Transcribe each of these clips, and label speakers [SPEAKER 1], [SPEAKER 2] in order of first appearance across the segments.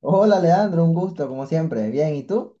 [SPEAKER 1] Hola Leandro, un gusto, como siempre. Bien, ¿y tú?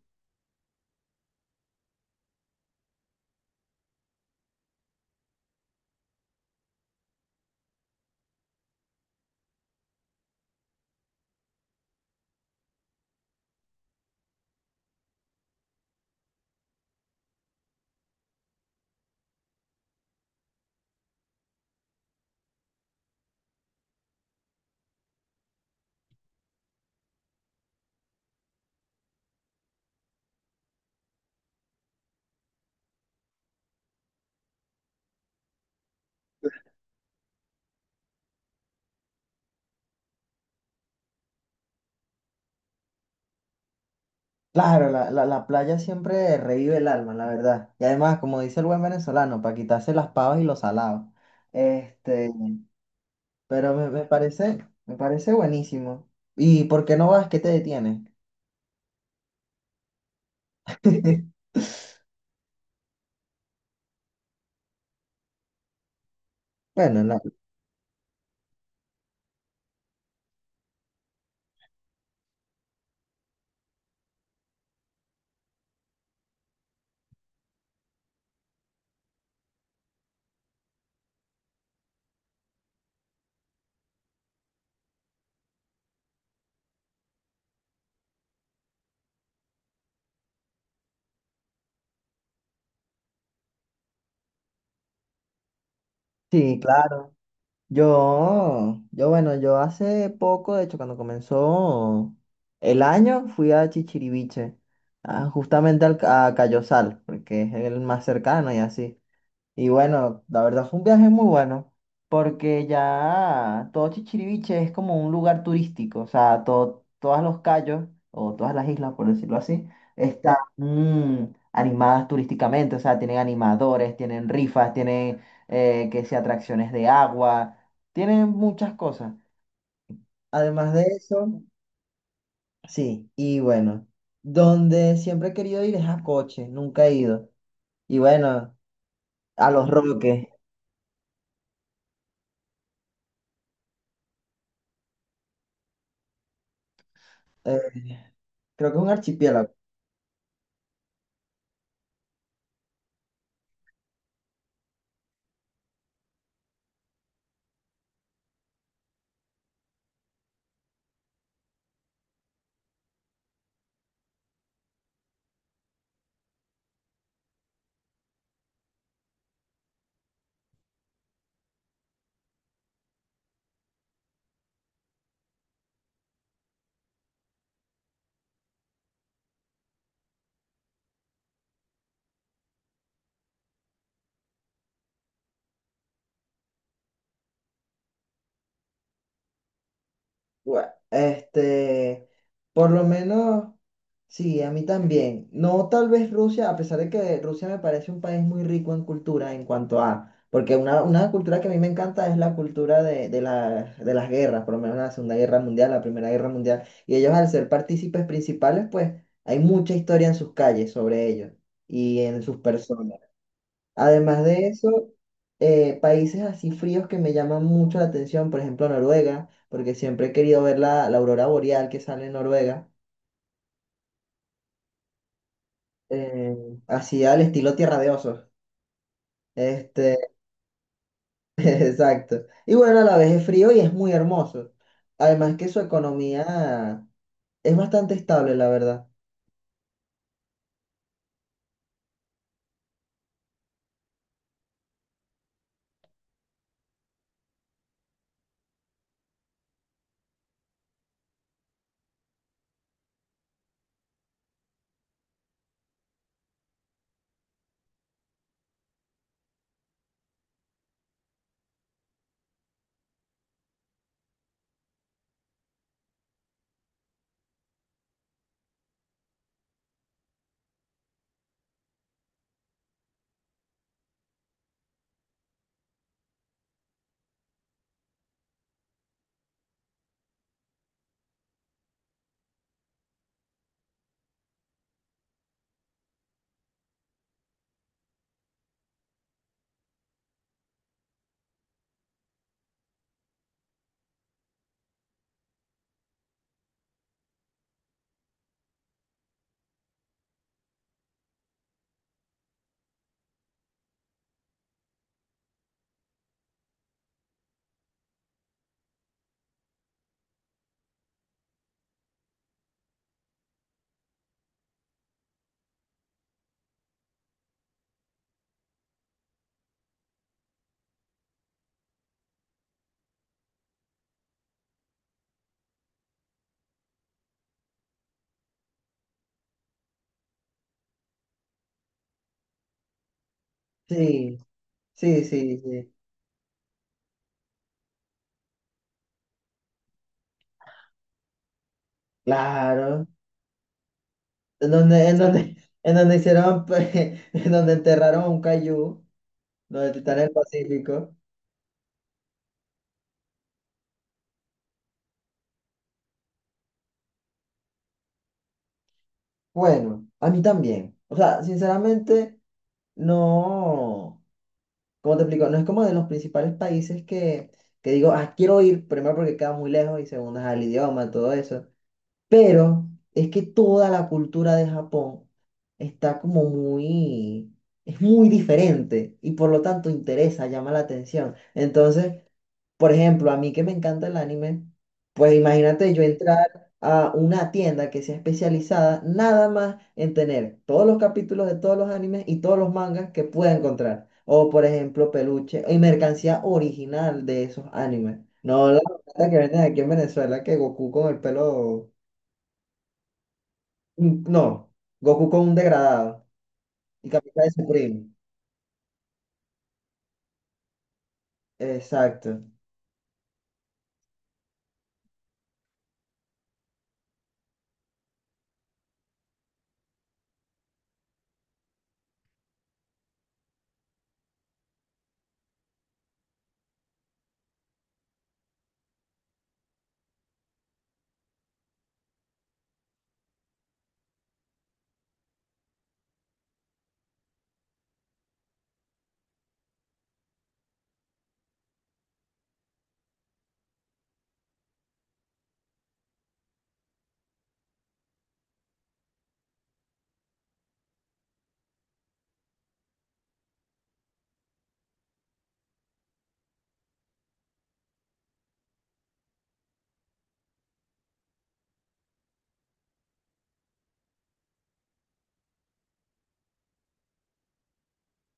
[SPEAKER 1] Claro, la playa siempre revive el alma, la verdad. Y además, como dice el buen venezolano, para quitarse las pavas y los salados. Este, pero me parece, me parece buenísimo. ¿Y por qué no vas? ¿Qué te detiene? Bueno, la- sí, claro. Bueno, yo hace poco, de hecho, cuando comenzó el año, fui a Chichiriviche, a- justamente al, ca- a Cayosal, porque es el más cercano y así. Y bueno, la verdad fue un viaje muy bueno, porque ya todo Chichiriviche es como un lugar turístico, o sea, todo, todos los cayos, o todas las islas, por decirlo así, están animadas turísticamente, o sea, tienen animadores, tienen rifas, tienen, que sea atracciones de agua, tienen muchas cosas. Además de eso, sí, y bueno, donde siempre he querido ir es a Coche, nunca he ido. Y bueno, a Los Roques, eh, creo que es un archipiélago. Bueno, por lo menos, sí, a mí también. No tal vez Rusia, a pesar de que Rusia me parece un país muy rico en cultura en cuanto a, porque una cultura que a mí me encanta es la cultura de, la- de las guerras, por lo menos la Segunda Guerra Mundial, la Primera Guerra Mundial, y ellos al ser partícipes principales, pues hay mucha historia en sus calles sobre ellos y en sus personas. Además de eso, países así fríos que me llaman mucho la atención, por ejemplo Noruega, porque siempre he querido ver la aurora boreal que sale en Noruega, eh, así al estilo Tierra de Osos. Este, exacto. Y bueno, a la vez es frío y es muy hermoso. Además que su economía es bastante estable, la verdad. Sí, sí, sí, sí. Claro. En donde, en donde, en donde hicieron, pues, en donde enterraron a un cayú, donde está en el Pacífico. Bueno, a mí también. O sea, sinceramente, no, como te explico, no es como de los principales países que digo, ah, quiero ir, primero porque queda muy lejos y segundo, es al idioma, todo eso. Pero es que toda la cultura de Japón está como muy, es muy diferente y por lo tanto interesa, llama la atención. Entonces, por ejemplo, a mí que me encanta el anime, pues imagínate yo entrar a una tienda que sea especializada nada más en tener todos los capítulos de todos los animes y todos los mangas que pueda encontrar. O por ejemplo, peluche y mercancía original de esos animes. No la plata que venden aquí en Venezuela, que Goku con el pelo... No, Goku con un degradado y Capitán de su primo. Exacto.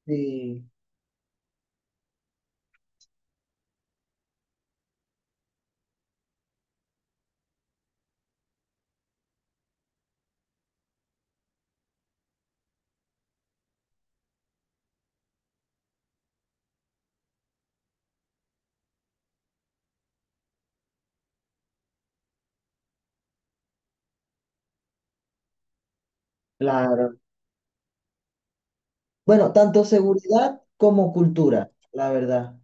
[SPEAKER 1] Sí, claro. Bueno, tanto seguridad como cultura, la verdad.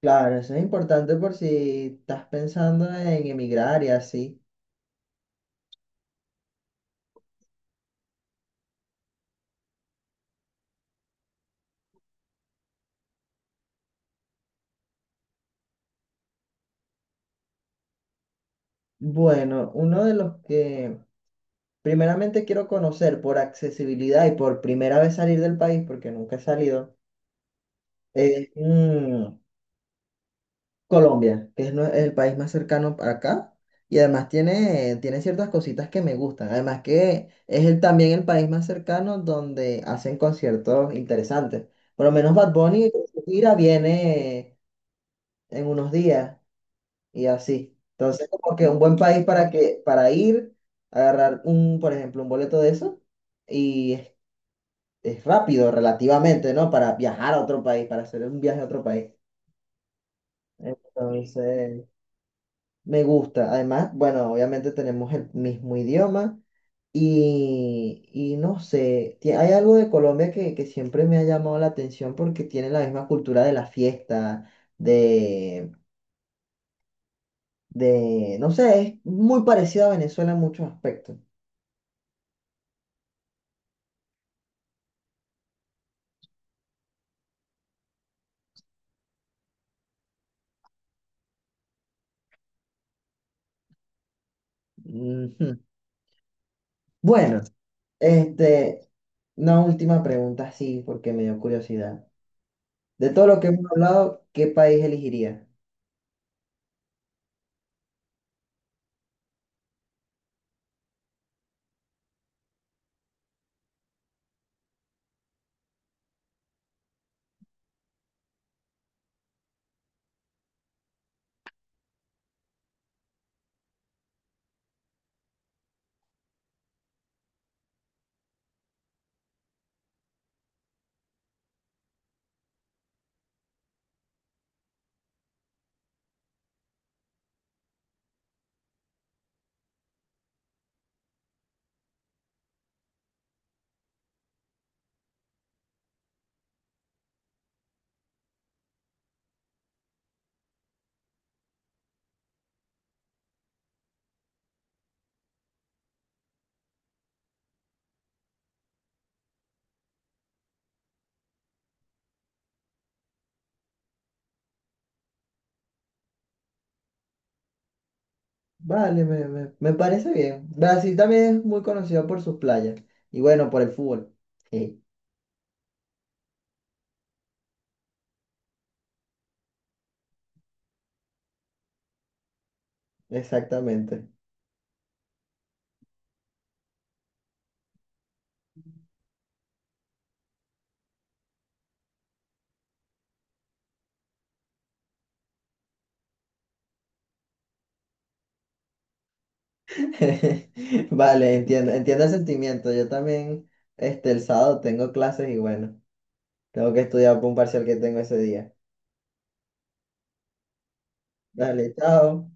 [SPEAKER 1] Claro, eso es importante por si estás pensando en emigrar y así. Bueno, uno de los que primeramente quiero conocer por accesibilidad y por primera vez salir del país, porque nunca he salido, es Colombia, que es, nue- el país más cercano para acá. Y además tiene, tiene ciertas cositas que me gustan. Además que es el, también el país más cercano donde hacen conciertos interesantes. Por lo menos Bad Bunny, su gira viene en unos días. Y así. Entonces, como que un buen país para que, para ir, agarrar un, por ejemplo, un boleto de eso, y es rápido relativamente, ¿no? Para viajar a otro país, para hacer un viaje a otro país. Entonces, me gusta. Además, bueno, obviamente tenemos el mismo idioma y no sé, ti- hay algo de Colombia que siempre me ha llamado la atención porque tiene la misma cultura de la fiesta, de, de, no sé, es muy parecido a Venezuela en muchos aspectos. Ujú. Bueno, este, una última pregunta, sí, porque me dio curiosidad. De todo lo que hemos hablado, ¿qué país elegiría? Vale, me parece bien. Brasil también es muy conocido por sus playas y bueno, por el fútbol. Sí, exactamente. Vale, entiendo, entiendo el sentimiento. Yo también, el sábado tengo clases y bueno, tengo que estudiar para un parcial que tengo ese día. Dale, chao.